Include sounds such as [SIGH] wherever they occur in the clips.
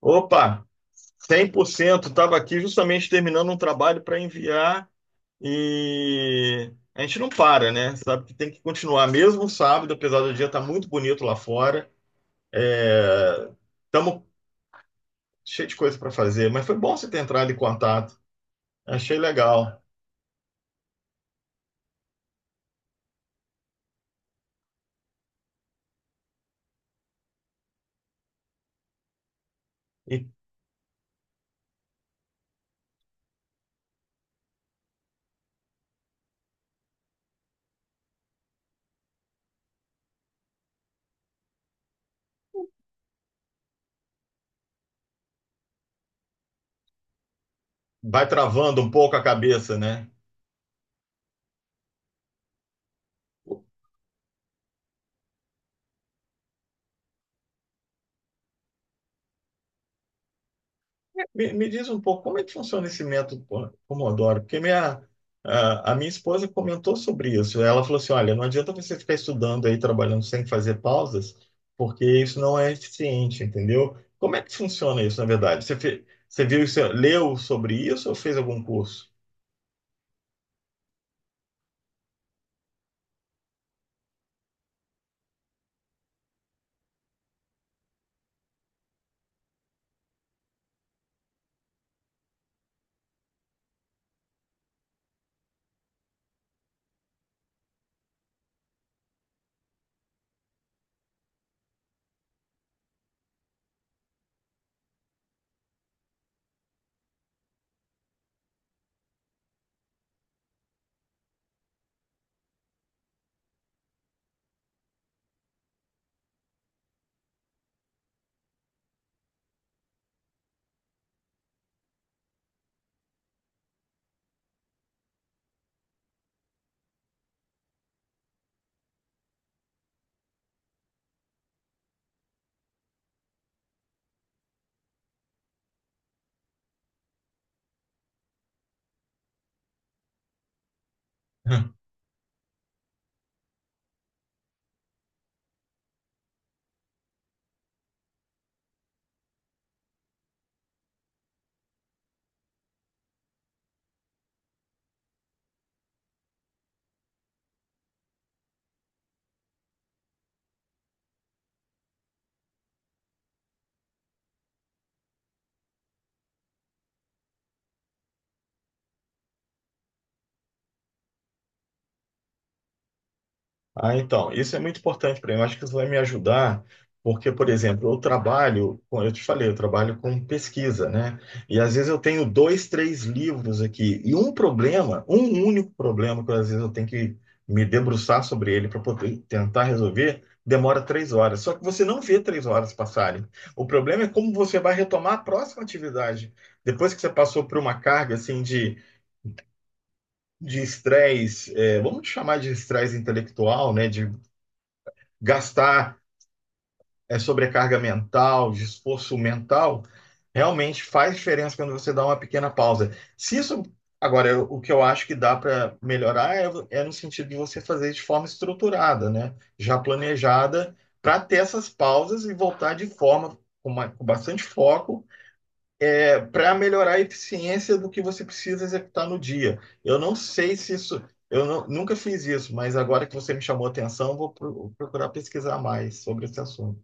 Opa, 100%. Estava aqui justamente terminando um trabalho para enviar e a gente não para, né? Sabe que tem que continuar mesmo sábado, apesar do dia estar muito bonito lá fora. É... Estamos cheio de coisa para fazer, mas foi bom você ter entrado em contato. Achei legal. E vai travando um pouco a cabeça, né? Me diz um pouco como é que funciona esse método Pomodoro, porque a minha esposa comentou sobre isso. Ela falou assim: olha, não adianta você ficar estudando aí, trabalhando sem fazer pausas, porque isso não é eficiente, entendeu? Como é que funciona isso, na verdade? Você viu isso, leu sobre isso ou fez algum curso? [LAUGHS] Ah, então, isso é muito importante para mim. Eu acho que isso vai me ajudar, porque, por exemplo, eu trabalho, eu te falei, eu trabalho com pesquisa, né? E às vezes eu tenho dois, três livros aqui, e um problema, um único problema que às vezes eu tenho que me debruçar sobre ele para poder tentar resolver, demora 3 horas. Só que você não vê 3 horas passarem. O problema é como você vai retomar a próxima atividade. Depois que você passou por uma carga assim de estresse, é, vamos chamar de estresse intelectual, né? gastar sobrecarga mental, de esforço mental, realmente faz diferença quando você dá uma pequena pausa. Se isso, agora, o que eu acho que dá para melhorar é no sentido de você fazer de forma estruturada, né? Já planejada, para ter essas pausas e voltar de forma com bastante foco, para melhorar a eficiência do que você precisa executar no dia. Eu não sei se isso. Eu não- nunca fiz isso, mas agora que você me chamou a atenção, vou procurar pesquisar mais sobre esse assunto.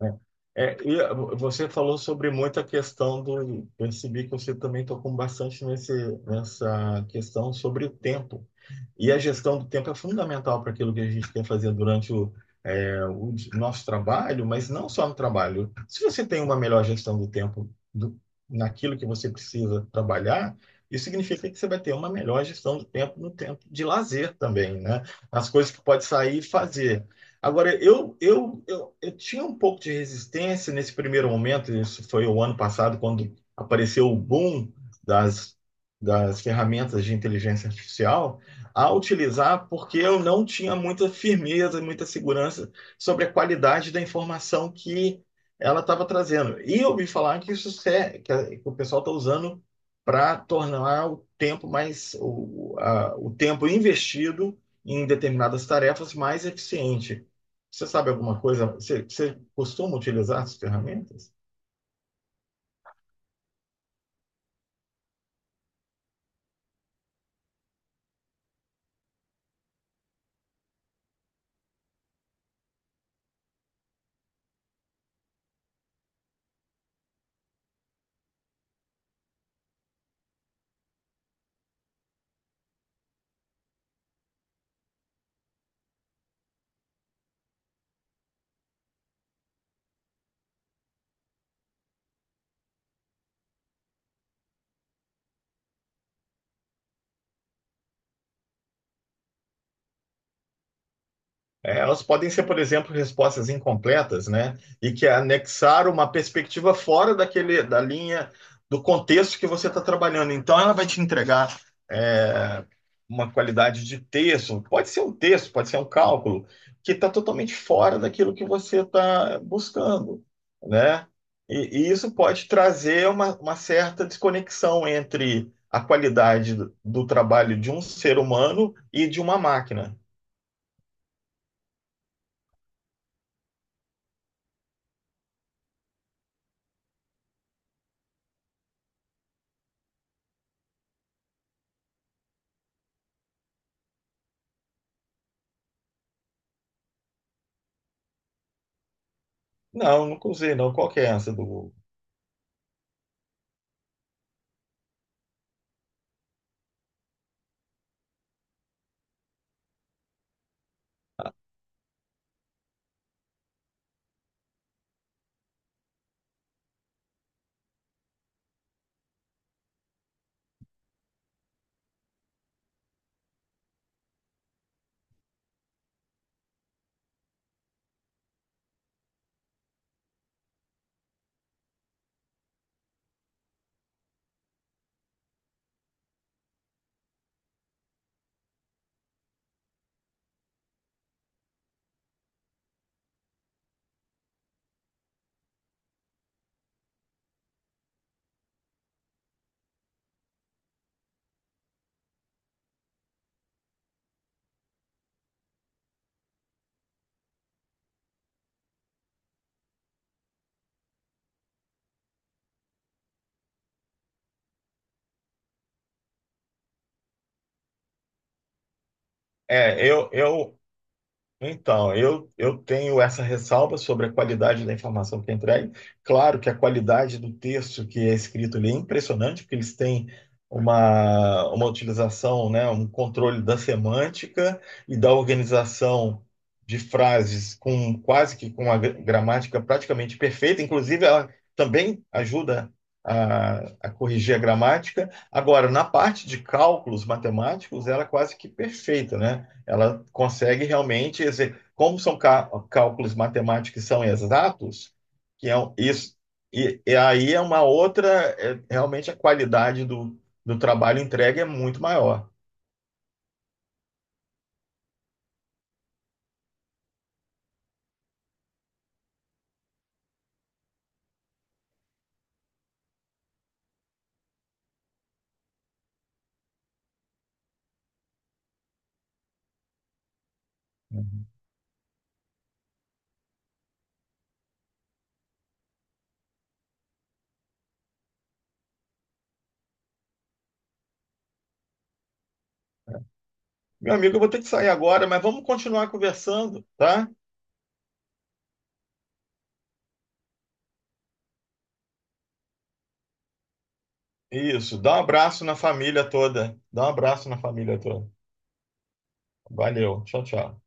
Né? É, e você falou sobre muita questão do. Percebi que você também tocou bastante nessa questão sobre o tempo. E a gestão do tempo é fundamental para aquilo que a gente quer fazer durante o nosso trabalho, mas não só no trabalho. Se você tem uma melhor gestão do tempo do, naquilo que você precisa trabalhar, isso significa que você vai ter uma melhor gestão do tempo no tempo de lazer também, né? As coisas que pode sair e fazer. Agora, eu tinha um pouco de resistência nesse primeiro momento, isso foi o ano passado, quando apareceu o boom das, das ferramentas de inteligência artificial, a utilizar porque eu não tinha muita firmeza, muita segurança sobre a qualidade da informação que ela estava trazendo. E eu ouvi falar que isso que o pessoal está usando para tornar o tempo mais o tempo investido em determinadas tarefas mais eficiente. Você sabe alguma coisa? Você costuma utilizar essas ferramentas? É, elas podem ser, por exemplo, respostas incompletas, né? E que anexaram uma perspectiva fora daquele, da linha do contexto que você está trabalhando. Então, ela vai te entregar é, uma qualidade de texto, pode ser um texto, pode ser um cálculo, que está totalmente fora daquilo que você está buscando, né? E isso pode trazer uma certa desconexão entre a qualidade do trabalho de um ser humano e de uma máquina. Não, nunca usei, não. Qual que é essa do... É, eu, eu, Então, eu tenho essa ressalva sobre a qualidade da informação que é entregue. Claro que a qualidade do texto que é escrito ali é impressionante, porque eles têm uma utilização, né, um controle da semântica e da organização de frases com quase que com a gramática praticamente perfeita. Inclusive, ela também ajuda a, a corrigir a gramática. Agora, na parte de cálculos matemáticos, ela é quase que perfeita, né? Ela consegue realmente, como são cálculos matemáticos que são exatos, isso, e aí é uma outra, realmente a qualidade do trabalho entregue é muito maior. Uhum. Meu amigo, eu vou ter que sair agora, mas vamos continuar conversando, tá? Isso, dá um abraço na família toda. Dá um abraço na família toda. Valeu, tchau, tchau.